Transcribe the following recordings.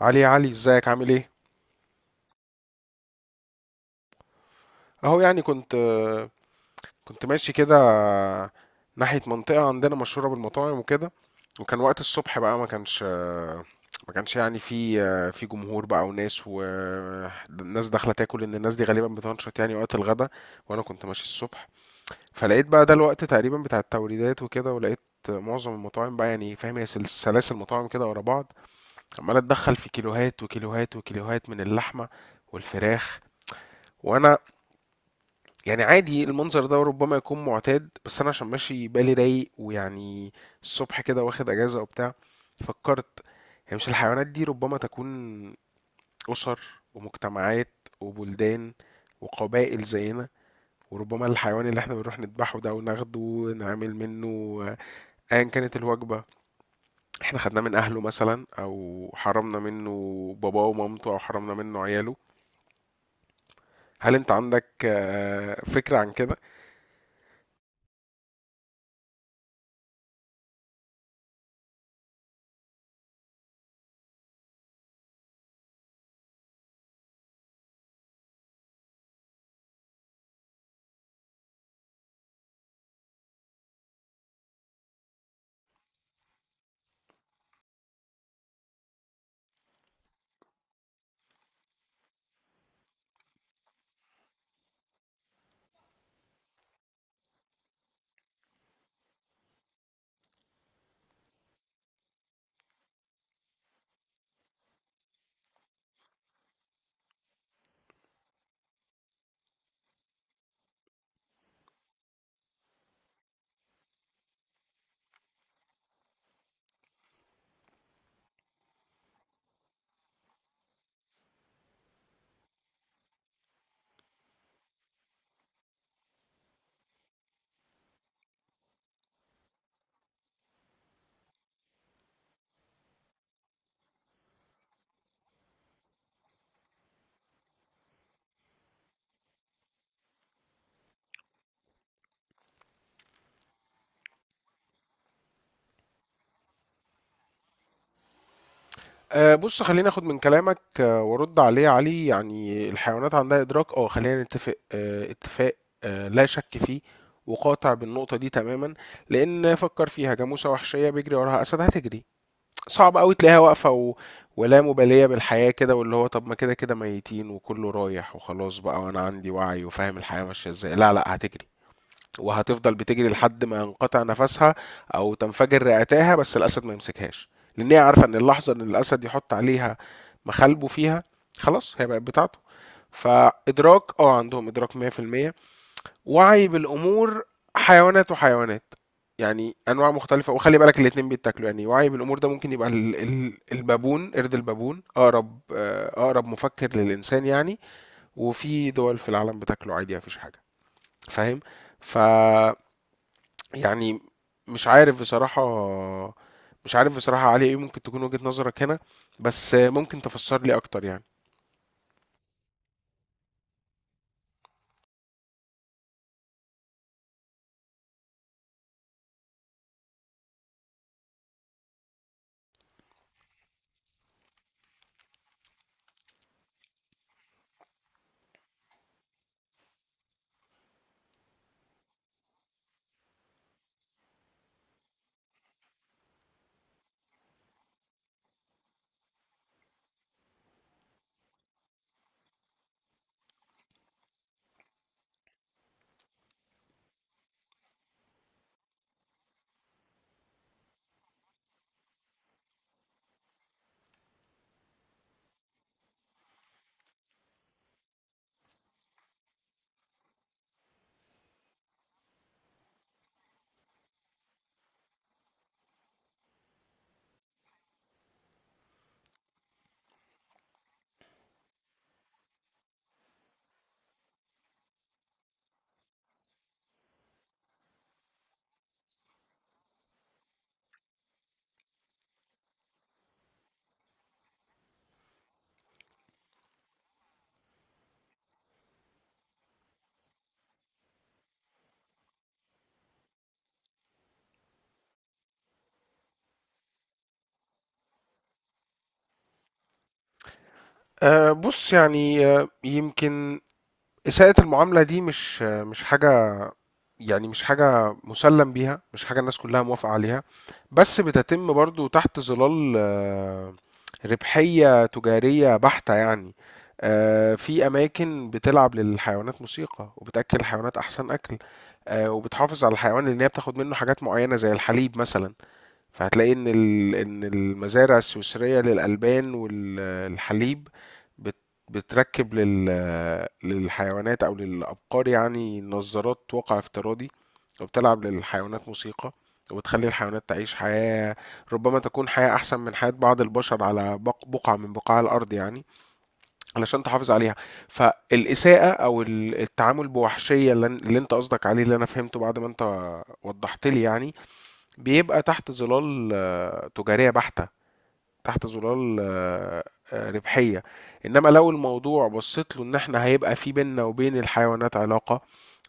علي، ازيك؟ عامل ايه؟ اهو يعني كنت ماشي كده ناحية منطقة عندنا مشهورة بالمطاعم وكده، وكان وقت الصبح بقى، ما كانش يعني في جمهور بقى وناس، والناس داخلة تاكل لأن الناس دي غالبا بتنشط يعني وقت الغدا. وأنا كنت ماشي الصبح، فلقيت بقى ده الوقت تقريبا بتاع التوريدات وكده، ولقيت معظم المطاعم بقى، يعني فاهم، هي سلاسل مطاعم كده ورا بعض، عمالة تدخل في كيلوهات وكيلوهات وكيلوهات من اللحمة والفراخ. وانا يعني عادي، المنظر ده ربما يكون معتاد، بس انا عشان ماشي بالي رايق ويعني الصبح كده واخد اجازة وبتاع، فكرت: هي مش الحيوانات دي ربما تكون اسر ومجتمعات وبلدان وقبائل زينا؟ وربما الحيوان اللي احنا بنروح نذبحه ده وناخده ونعمل منه ايا كانت الوجبة، احنا خدناه من اهله مثلا، او حرمنا منه باباه ومامته، او حرمنا منه عياله. هل انت عندك آه، فكرة عن كده؟ آه، بص خليني اخد من كلامك آه، وارد عليه يا علي. يعني الحيوانات عندها ادراك، اه خلينا نتفق آه، اتفاق آه، لا شك فيه وقاطع بالنقطة دي تماما. لأن فكر فيها، جاموسة وحشية بيجري وراها أسد، هتجري. صعب أوي تلاقيها واقفة ولا مبالية بالحياة كده، واللي هو طب ما كده كده ميتين وكله رايح وخلاص بقى، وأنا عندي وعي وفاهم الحياة ماشية إزاي. لا، هتجري وهتفضل بتجري لحد ما ينقطع نفسها او تنفجر رئتاها، بس الاسد ما يمسكهاش. لان هي عارفه ان اللحظه ان الاسد يحط عليها مخالبه فيها، خلاص هي بقت بتاعته. فادراك، اه عندهم ادراك 100%، وعي بالامور. حيوانات وحيوانات يعني، انواع مختلفه، وخلي بالك الاتنين بيتاكلوا. يعني وعي بالامور ده ممكن يبقى البابون، قرد البابون اقرب آه، اقرب مفكر للانسان يعني، وفي دول في العالم بتاكله عادي مفيش حاجه، فاهم؟ ف يعني مش عارف بصراحة، مش عارف بصراحة علي، ايه ممكن تكون وجهة نظرك هنا؟ بس ممكن تفسر لي اكتر يعني. أه بص يعني آه، يمكن إساءة المعاملة دي مش حاجة، يعني مش حاجة مسلم بيها، مش حاجة الناس كلها موافقة عليها، بس بتتم برضو تحت ظلال آه، ربحية تجارية بحتة يعني. آه، في أماكن بتلعب للحيوانات موسيقى وبتأكل الحيوانات أحسن أكل. آه، وبتحافظ على الحيوان لأن هي بتاخد منه حاجات معينة زي الحليب مثلا. فهتلاقي ان ان المزارع السويسريه للالبان والحليب بت- بتركب للحيوانات او للابقار يعني نظارات واقع افتراضي، وبتلعب للحيوانات موسيقى، وبتخلي الحيوانات تعيش حياه ربما تكون حياه احسن من حياه بعض البشر على بقعه من بقاع الارض يعني، علشان تحافظ عليها. فالاساءه او التعامل بوحشيه اللي اللي انت قصدك عليه اللي انا فهمته بعد ما انت وضحت لي يعني، بيبقى تحت ظلال آه، تجارية بحتة، تحت ظلال آه، آه، ربحية. انما لو الموضوع بصيت له ان احنا هيبقى في بيننا وبين الحيوانات علاقة،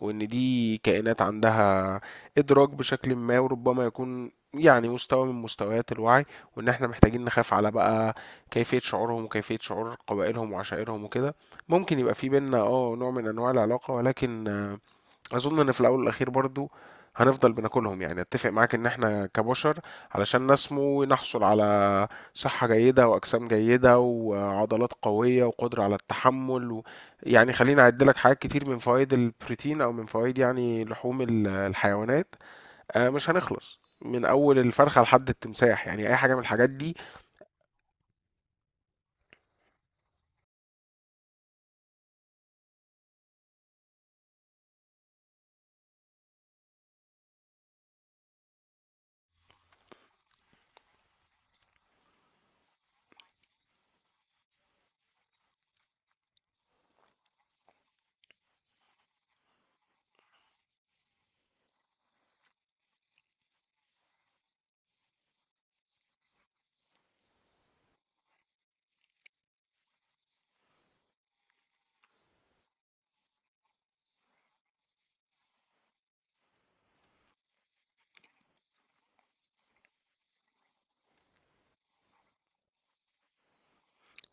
وان دي كائنات عندها ادراك بشكل ما، وربما يكون يعني مستوى من مستويات الوعي، وان احنا محتاجين نخاف على بقى كيفية شعورهم وكيفية شعور قبائلهم وعشائرهم وكده، ممكن يبقى في بيننا اه نوع من انواع العلاقة. ولكن آه، اظن ان في الاول والاخير برضو هنفضل بناكلهم. يعني اتفق معاك ان احنا كبشر علشان نسمو نحصل على صحة جيدة واجسام جيدة وعضلات قوية وقدرة على التحمل و... يعني خليني اعد لك حاجات كتير من فوائد البروتين او من فوائد يعني لحوم الحيوانات. آه، مش هنخلص من اول الفرخة لحد التمساح، يعني اي حاجة من الحاجات دي.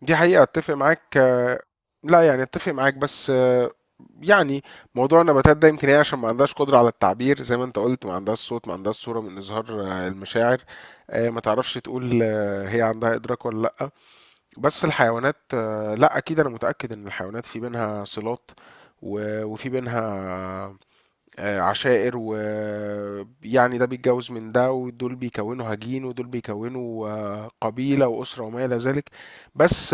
دي حقيقة، اتفق معاك. لا يعني اتفق معاك بس آه، يعني موضوع النباتات ده، يمكن هي عشان ما عندهاش قدرة على التعبير زي ما انت قلت، ما عندهاش صوت، ما عندهاش صورة من إظهار آه، المشاعر، آه، ما تعرفش تقول آه، هي عندها إدراك ولا لأ. بس الحيوانات آه، لأ أكيد أنا متأكد إن الحيوانات في بينها صلات، وفي بينها آه، عشائر ويعني ده بيتجوز من ده، ودول بيكونوا هجين، ودول بيكونوا آه، قبيلة وأسرة وما إلى ذلك. بس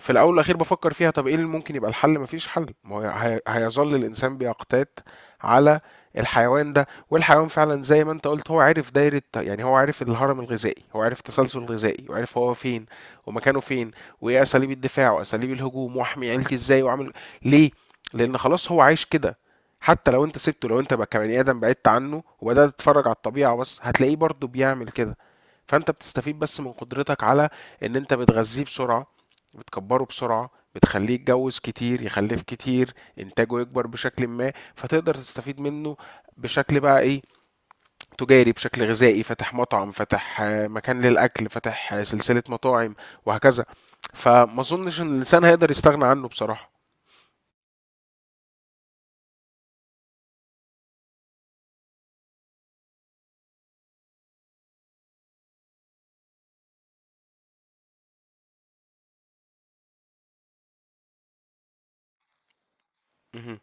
في الاول والاخير بفكر فيها، طب ايه اللي ممكن يبقى الحل؟ مفيش حل، ما هو هيظل الانسان بيقتات على الحيوان ده. والحيوان فعلا زي ما انت قلت، هو عارف دايرة يعني، هو عارف الهرم الغذائي، هو عارف التسلسل الغذائي، وعارف هو فين ومكانه فين، وايه اساليب الدفاع واساليب الهجوم، واحمي عيلتي ازاي، واعمل ليه، لان خلاص هو عايش كده. حتى لو انت سبته، لو انت بقى كبني ادم بعدت عنه وبدات تتفرج على الطبيعه بس، هتلاقيه برضه بيعمل كده. فانت بتستفيد بس من قدرتك على ان انت بتغذيه بسرعه، بتكبره بسرعة، بتخليه يتجوز كتير، يخلف كتير، انتاجه يكبر بشكل ما، فتقدر تستفيد منه بشكل بقى ايه، تجاري، بشكل غذائي، فاتح مطعم، فاتح آه، مكان للأكل، فاتح آه، سلسلة مطاعم، وهكذا. فما اظنش ان الانسان هيقدر يستغنى عنه بصراحة. مهم.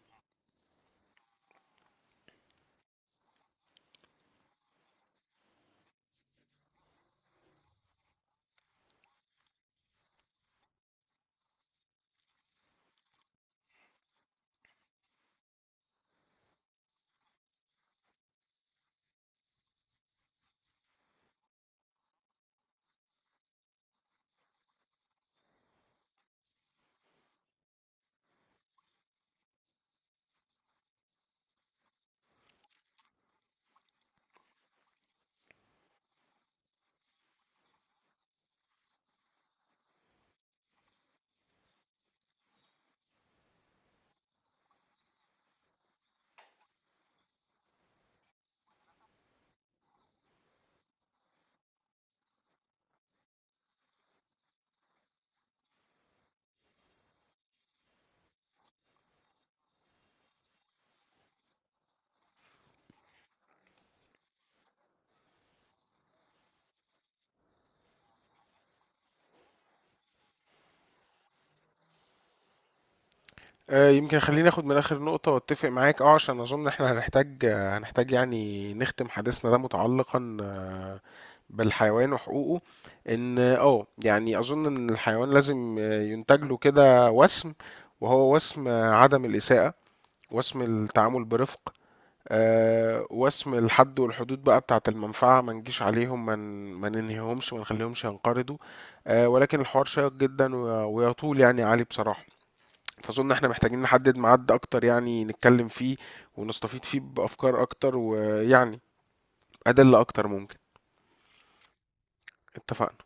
آه، يمكن خليني اخد من اخر نقطة واتفق معاك اه، عشان اظن احنا هنحتاج آه، هنحتاج يعني نختم حديثنا ده متعلقا آه، بالحيوان وحقوقه. ان اه يعني اظن ان الحيوان لازم ينتج له كده وسم، وهو وسم عدم الاساءة، وسم التعامل برفق، آه، وسم الحد والحدود بقى بتاعة المنفعة، ما نجيش عليهم، ما ننهيهمش، ما نخليهمش ينقرضوا. آه، ولكن الحوار شيق جدا ويطول يعني علي بصراحة، فأظن احنا محتاجين نحدد ميعاد أكتر يعني نتكلم فيه ونستفيد فيه بأفكار أكتر، ويعني أدلة أكتر ممكن. اتفقنا.